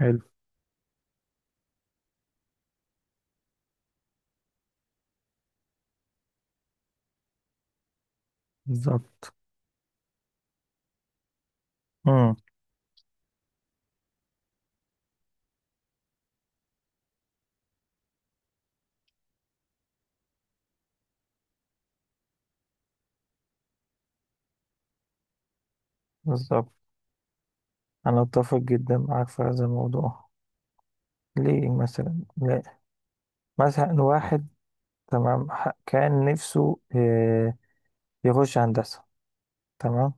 حلو. بالظبط. امم. بالظبط. انا اتفق جدا معاك في هذا الموضوع، ليه مثلا لا؟ مثلا واحد، تمام، كان نفسه يخش هندسة، تمام.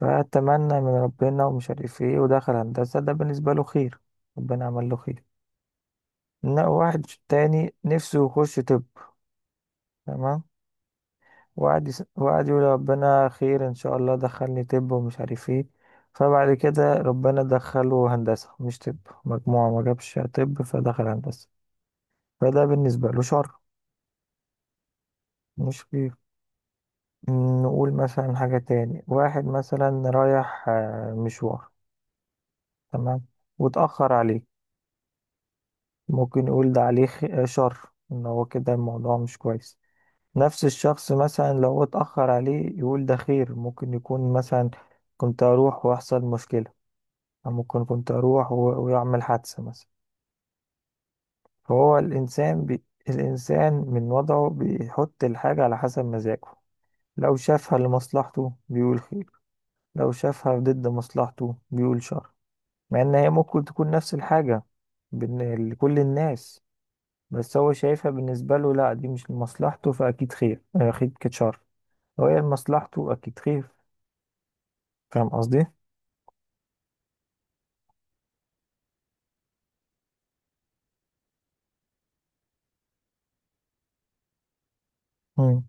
فأتمنى من ربنا ومش عارف ايه ودخل هندسة، ده بالنسبة له خير، ربنا عمل له خير. إن واحد تاني نفسه يخش طب، تمام، وقعد يقول ربنا خير ان شاء الله دخلني طب ومش عارف ايه. فبعد كده ربنا دخله هندسة مش طب، مجموعة ما جابش طب فدخل هندسة، فده بالنسبة له شر مش خير. نقول مثلا حاجة تاني، واحد مثلا رايح مشوار، تمام، واتأخر عليه، ممكن نقول ده عليه شر، ان هو كده الموضوع مش كويس. نفس الشخص مثلا لو اتأخر عليه يقول ده خير، ممكن يكون مثلا كنت اروح واحصل مشكلة، ممكن كنت أروح ويعمل حادثة مثلا. فهو الإنسان من وضعه بيحط الحاجة على حسب مزاجه، لو شافها لمصلحته بيقول خير، لو شافها ضد مصلحته بيقول شر، مع إن هي ممكن تكون نفس الحاجة بين لكل الناس، بس هو شايفها بالنسبة له لا دي مش لمصلحته فأكيد خير أكيد كانت شر، لو هي لمصلحته أكيد خير. فاهم قصدي؟ مم.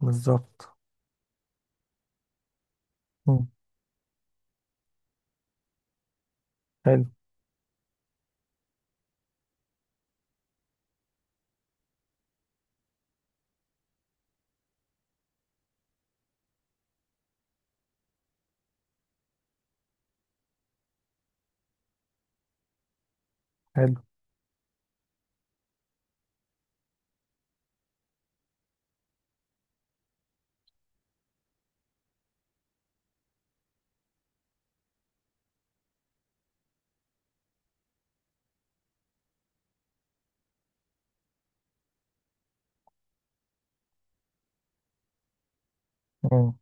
بالظبط. مم. حلو. حلو. مم.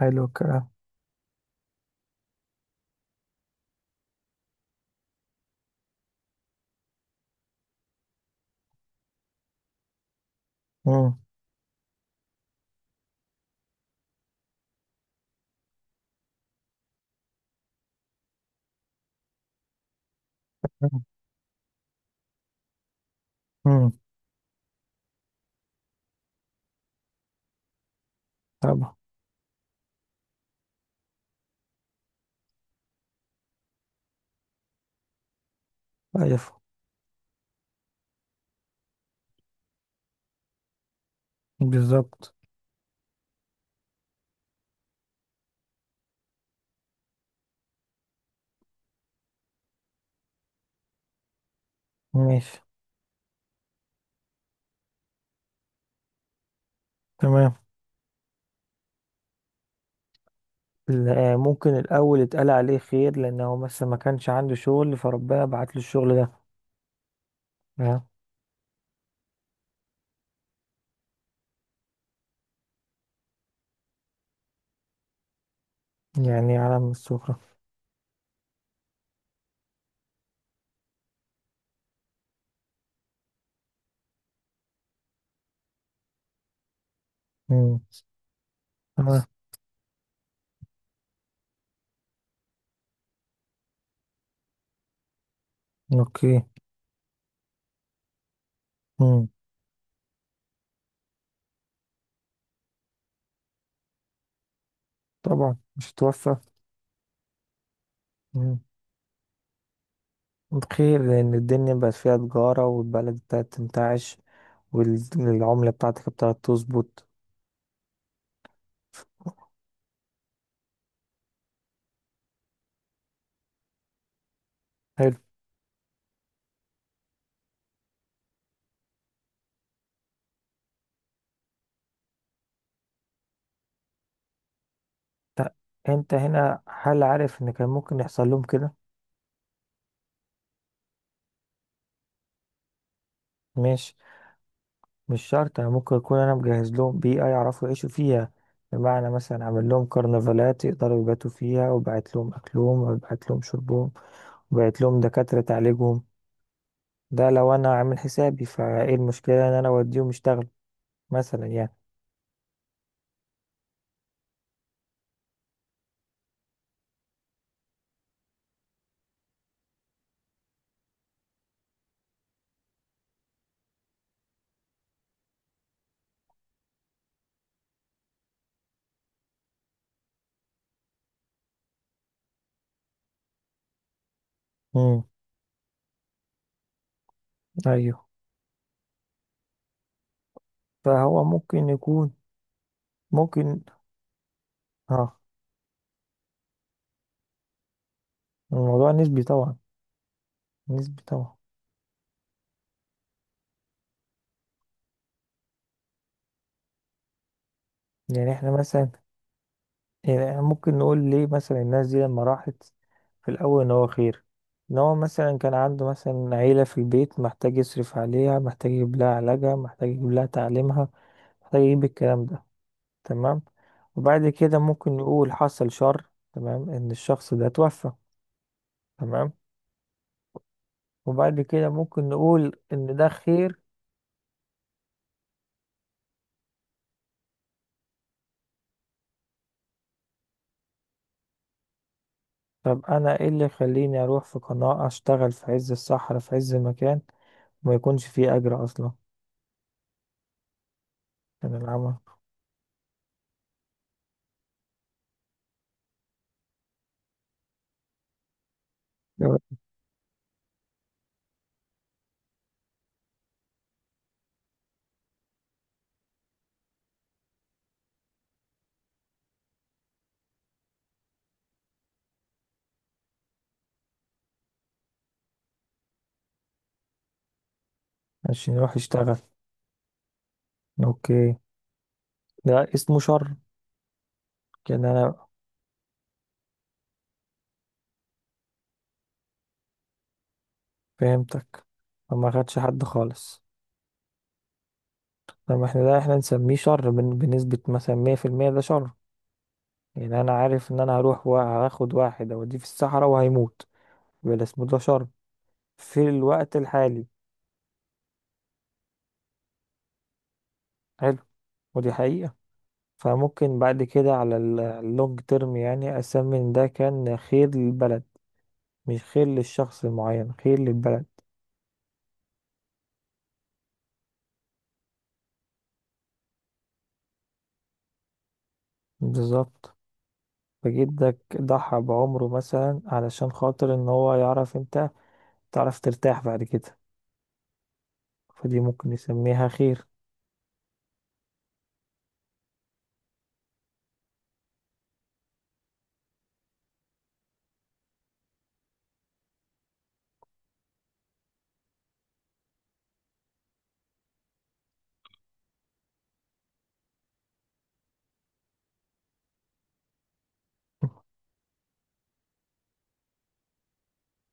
حلو الكلام. مم. امم. طبعا. ألف. بالظبط. ماشي. تمام. لا، ممكن الأول يتقال عليه خير لأنه مثلا ما كانش عنده شغل فربنا بعت له الشغل ده. آه. يعني علم من السفرة. امم. تمام. أوكي. امم. طبعا مش هتوفى. امم. خير لأن الدنيا بقت فيها تجارة والبلد بتاعت تنتعش، والعملة بتاعتك بتاعت تظبط. حلو. ط- أنت هنا هل عارف إن كان ممكن يحصل لهم كده؟ ماشي. مش شرط، يعني ممكن يكون انا مجهز لهم بيئة يعرفوا يعيشوا فيها، بمعنى مثلا عامل لهم كرنفالات يقدروا يباتوا فيها وبعت لهم اكلهم وبعت لهم شربهم وبعت لهم دكاترة تعالجهم، ده لو انا عامل حسابي، فايه المشكلة ان انا اوديهم يشتغلوا مثلا يعني. امم. ايوه. فهو ممكن يكون. ممكن. اه. الموضوع نسبي طبعا. نسبي طبعا. يعني احنا مثلا، يعني إحنا ممكن نقول ليه مثلا الناس دي لما راحت في الأول إن هو خير، إن هو مثلا كان عنده مثلا عيلة في البيت محتاج يصرف عليها محتاج يجيب لها علاجها محتاج يجيب لها تعليمها محتاج يجيب الكلام ده، تمام. وبعد كده ممكن نقول حصل شر، تمام، إن الشخص ده توفى، تمام. وبعد كده ممكن نقول إن ده خير. طب أنا إيه اللي يخليني أروح في قناة أشتغل في عز الصحراء في عز المكان وما يكونش فيه أجر أصلا؟ من العمل. عشان يروح يشتغل. اوكي. ده اسمه شر. كان انا. فهمتك. فما خدش حد خالص. لما احنا ده احنا نسميه شر بنسبة مثلا 100%، ده شر، يعني انا عارف ان انا هروح وهاخد واحد اوديه في الصحراء وهيموت، يبقى ده اسمه ده شر في الوقت الحالي. حلو. ودي حقيقة. فممكن بعد كده على اللونج تيرم يعني اسمي ان ده كان خير للبلد، مش خير للشخص المعين خير للبلد. بالظبط. فجدك ضحى بعمره مثلا علشان خاطر ان هو يعرف انت تعرف ترتاح بعد كده، فدي ممكن نسميها خير.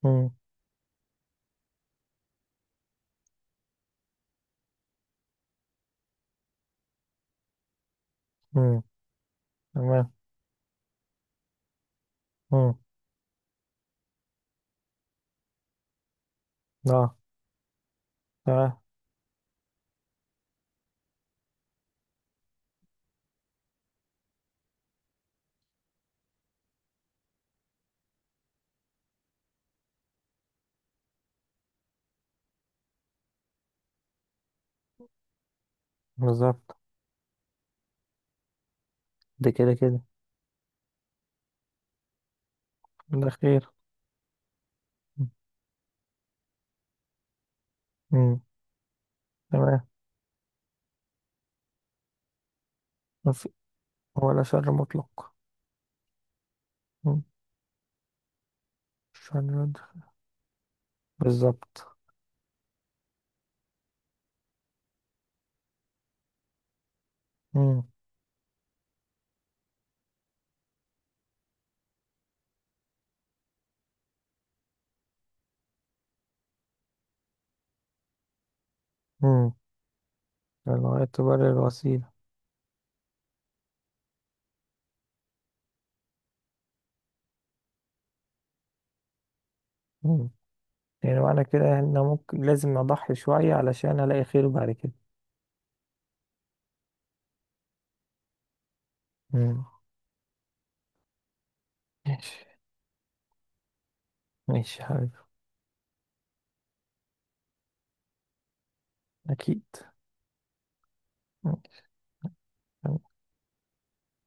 مم. مم. تمام. مم. اه. تمام. بالظبط. ده كده كده. ده خير. مم. تمام. مف- ولا شر مطلق. مم. شر. يد- بالظبط. مم. مم. لغاية تبرر الوسيلة. مم. يعني معنى كده ان ممكن لازم اضحي شوية علشان الاقي خير بعد كده. مم. ماشي. ماشي يا حبيبي. اكيد. ماشي.